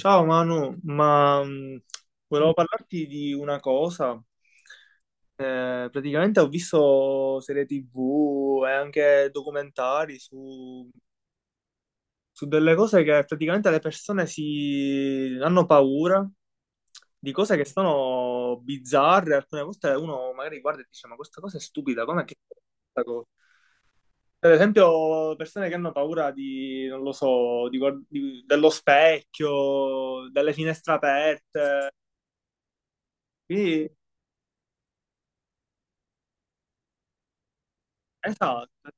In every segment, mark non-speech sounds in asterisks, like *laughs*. Ciao Manu, ma volevo parlarti di una cosa. Praticamente ho visto serie TV e anche documentari su, delle cose che praticamente le persone si hanno paura di cose che sono bizzarre. Alcune volte uno magari guarda e dice: Ma questa cosa è stupida, com'è che questa cosa? Per esempio, persone che hanno paura di, non lo so, dello specchio, delle finestre aperte. Quindi, esatto.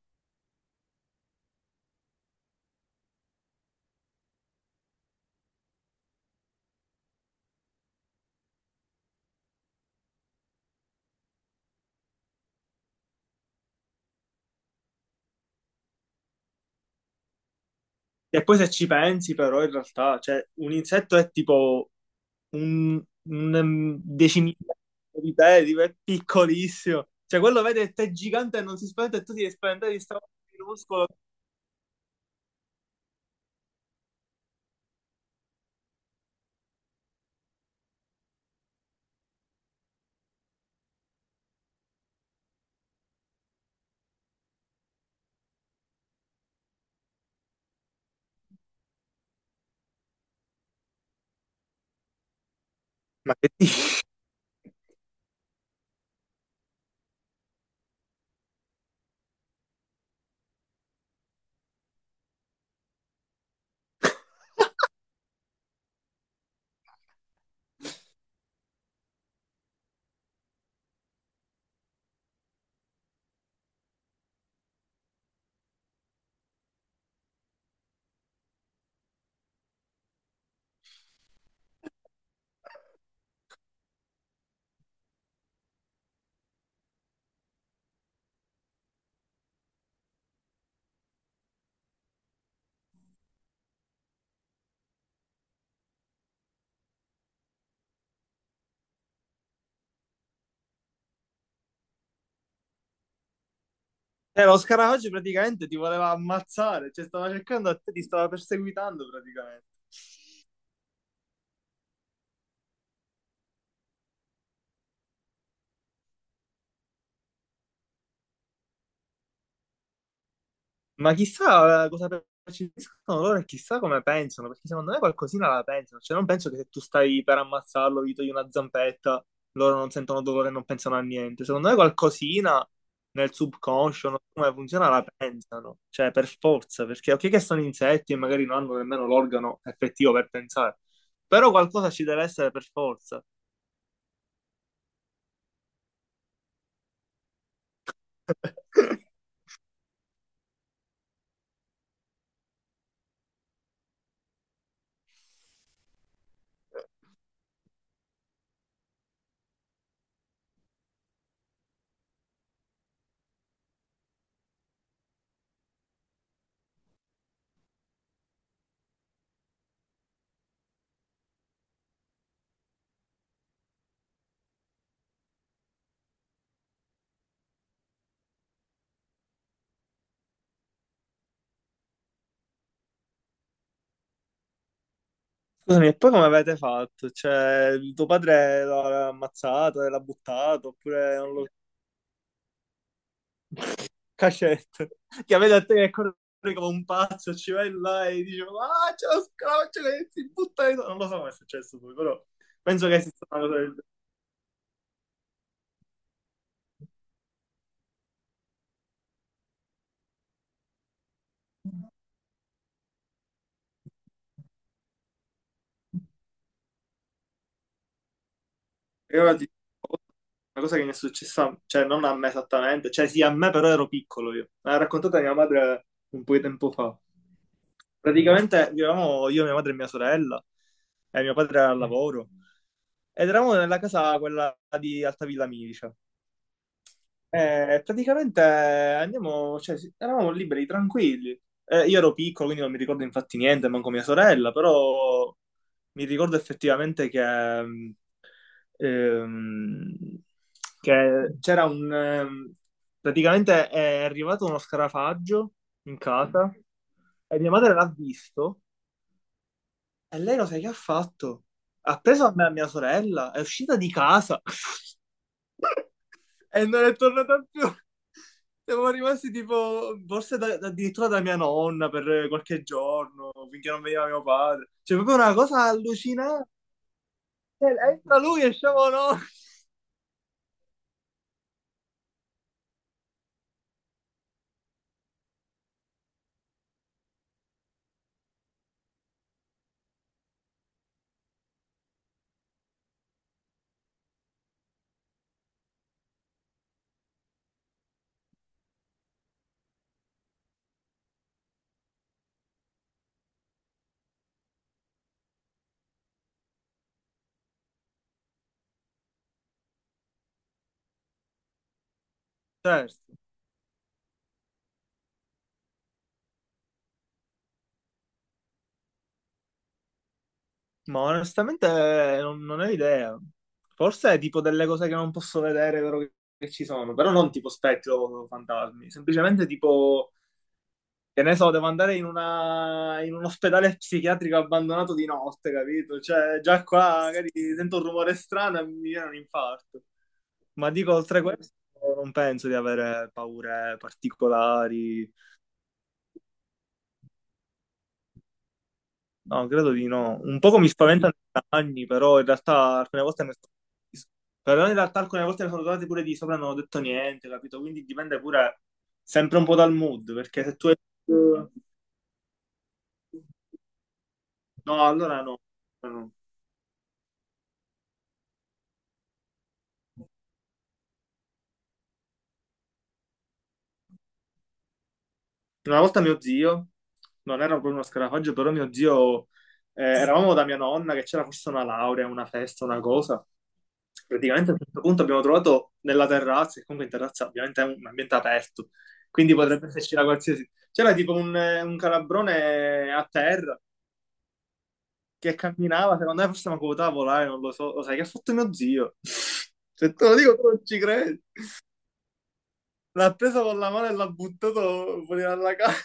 E poi se ci pensi, però, in realtà, cioè, un insetto è tipo un, decimillimetro di te, tipo, è piccolissimo. Cioè, quello vede che te è gigante e non si spaventa e tu ti devi spaventare di sta cosa minuscolo. Ma che dici? Lo scarafaggio praticamente ti voleva ammazzare, cioè, stava cercando a te, ti stava perseguitando praticamente. Ma chissà cosa percepiscono loro e chissà come pensano, perché secondo me qualcosina la pensano. Cioè, non penso che se tu stai per ammazzarlo, gli togli una zampetta, loro non sentono dolore e non pensano a niente. Secondo me qualcosina nel subconscio, non so come funziona, la pensano. Cioè, per forza, perché ok che sono insetti e magari non hanno nemmeno l'organo effettivo per pensare, però qualcosa ci deve essere per forza. Scusami, e poi come avete fatto? Cioè, tuo padre l'ha ammazzato e l'ha buttato, oppure non lo. Cacette, che vede a te che corre come un pazzo, ci vai là e dice, ah, c'è lo scroccio che si butta dentro. Non lo so come è successo poi, però penso che sia una cosa del genere. Una cosa che mi è successa, cioè non a me esattamente, cioè sì a me però ero piccolo io. Me l'ha raccontata mia madre un po' di tempo fa. Praticamente vivevamo io, mia madre e mia sorella, e mio padre era al lavoro, ed eravamo nella casa quella di Altavilla Milicia. Praticamente andiamo, cioè, sì, eravamo liberi, tranquilli. Io ero piccolo, quindi non mi ricordo infatti niente, manco mia sorella, però mi ricordo effettivamente mm, ehm, che c'era un, praticamente è arrivato uno scarafaggio in casa e mia madre l'ha visto e lei lo sai che ha fatto? Ha preso a me e a mia sorella, è uscita di casa. *laughs* E non è tornata più. *laughs* Siamo rimasti tipo, forse addirittura da mia nonna per qualche giorno, finché non veniva mio padre. Cioè, proprio una cosa allucinante. Entra lui, esciamo noi. *laughs* Certo. Ma onestamente non ho idea. Forse è tipo delle cose che non posso vedere, vero che ci sono, però non tipo spettro o fantasmi, semplicemente tipo. Che ne so, devo andare in, un ospedale psichiatrico abbandonato di notte, capito? Cioè, già qua magari sento un rumore strano e mi viene un infarto. Ma dico, oltre a questo, non penso di avere paure particolari. No, credo di no. Un poco mi spaventano i cagni, però in realtà alcune volte ne sono. Però in realtà alcune volte ne sono tornati pure di sopra e non ho detto niente, capito? Quindi dipende pure sempre un po' dal mood, perché se tu. No, allora no. No. No. Una volta mio zio, non era proprio uno scarafaggio, però mio zio, eravamo da mia nonna che c'era forse una laurea, una festa, una cosa. Praticamente a un certo punto abbiamo trovato nella terrazza, e comunque in terrazza ovviamente è un ambiente aperto, quindi potrebbe esserci la qualsiasi. C'era tipo un calabrone a terra che camminava, secondo me forse mi ha potuto volare, non lo so. Lo sai che ha fatto mio zio? *laughs* Se te lo dico tu non ci credi. L'ha preso con la mano e l'ha buttato fuori dalla casa.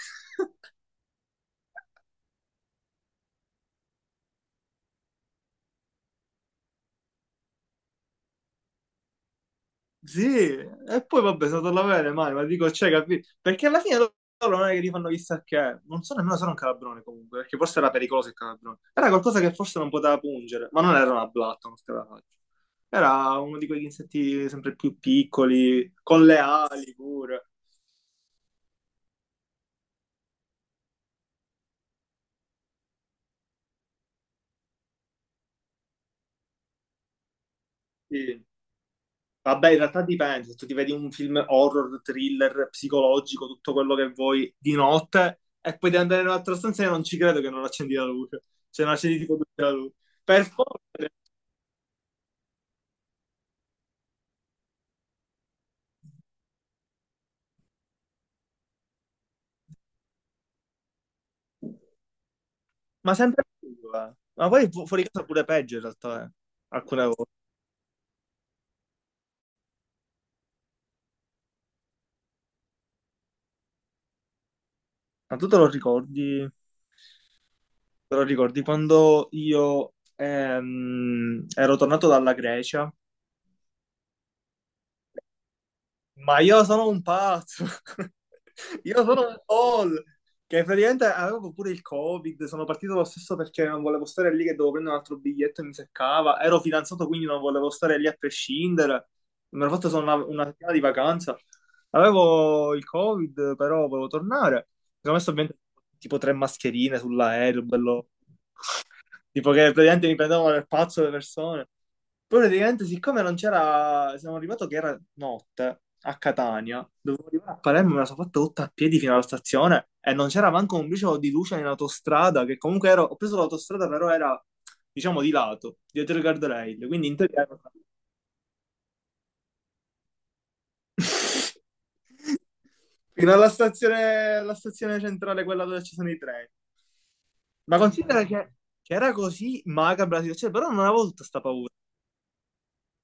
Sì, e poi vabbè, sono andato alla bene, ma dico, cioè, capito? Perché alla fine loro non è che li fanno chissà che, non so nemmeno se era un calabrone comunque, perché forse era pericoloso il calabrone. Era qualcosa che forse non poteva pungere, ma non era una blatta, non te la faccio. Era uno di quegli insetti sempre più piccoli, con le ali pure. Sì. Vabbè, in realtà dipende, se tu ti vedi un film horror, thriller, psicologico, tutto quello che vuoi di notte e poi devi andare in un'altra stanza e non ci credo che non accendi la luce, cioè non accendi tipo tutta la luce. Per forza, ma sempre più, eh. Ma poi fuori casa pure peggio in realtà, eh. Alcune volte. Ma tu te lo ricordi? Te lo ricordi quando io ero tornato dalla Grecia? Ma io sono un pazzo, *laughs* io sono un folle, che praticamente avevo pure il Covid, sono partito lo stesso perché non volevo stare lì che dovevo prendere un altro biglietto e mi seccava, ero fidanzato quindi non volevo stare lì a prescindere, mi ero fatto solo una settimana di vacanza, avevo il Covid però volevo tornare, mi sono messo ovviamente tipo tre mascherine sull'aereo, bello, tipo che praticamente mi prendevano per pazzo le persone. Poi praticamente, siccome non c'era, siamo arrivato che era notte a Catania, dovevo arrivare a Palermo, me la sono fatta tutta a piedi fino alla stazione e non c'era manco un briciolo di luce in autostrada, che comunque ero, ho preso l'autostrada, però era, diciamo, di lato, dietro il guardrail, quindi in teoria tranquillo. *laughs* Fino alla stazione centrale, quella dove ci sono i treni. Ma considera che era così macabra la situazione, però non avevo tutta sta paura.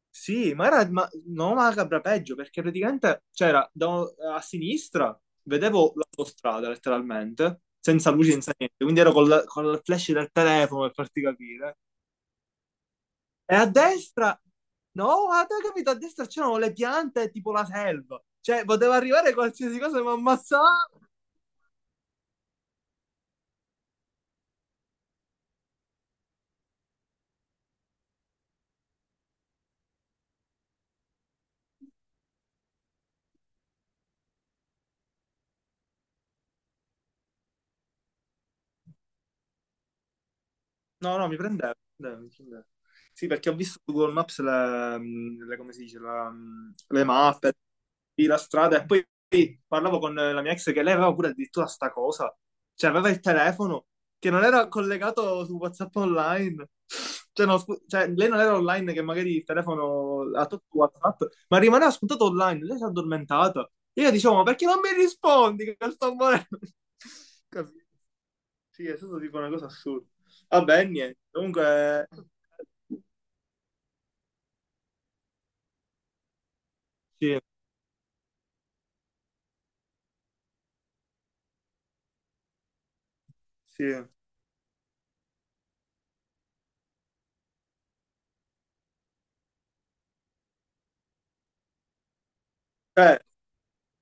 Sì, ma era no, macabra peggio perché praticamente c'era a sinistra, vedevo l'autostrada letteralmente, senza luci, senza niente, quindi ero col, flash del telefono per farti capire. E a destra, no, ma te hai capito, a destra c'erano le piante e tipo la selva, cioè poteva arrivare qualsiasi cosa e mi ammazzava. No, no, mi prendeva, mi prendeva, mi prendeva. Sì, perché ho visto su Google Maps come si dice, le mappe, sì, la strada, e poi parlavo con la mia ex che lei aveva pure addirittura sta cosa, cioè aveva il telefono che non era collegato su WhatsApp online, cioè, no, cioè, lei non era online che magari il telefono ha tutto WhatsApp, ma rimaneva spuntato online, lei si è addormentata. Io dicevo, ma perché non mi rispondi che sto morendo? *laughs* Capito? Sì, è stato tipo una cosa assurda. Vabbè, niente. Comunque, sì, sì.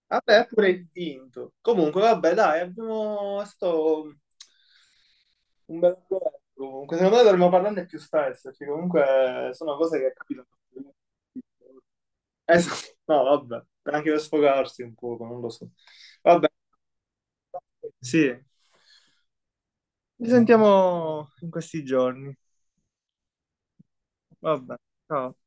Vabbè, è pure vinto. Comunque, vabbè, dai, è stato un bel duello. Comunque, secondo me dovremmo parlarne più spesso, perché comunque sono cose che capitano. Sì. No, vabbè, anche per sfogarsi un poco, non lo so. Vabbè, sì, ci sentiamo in questi giorni. Vabbè, ciao.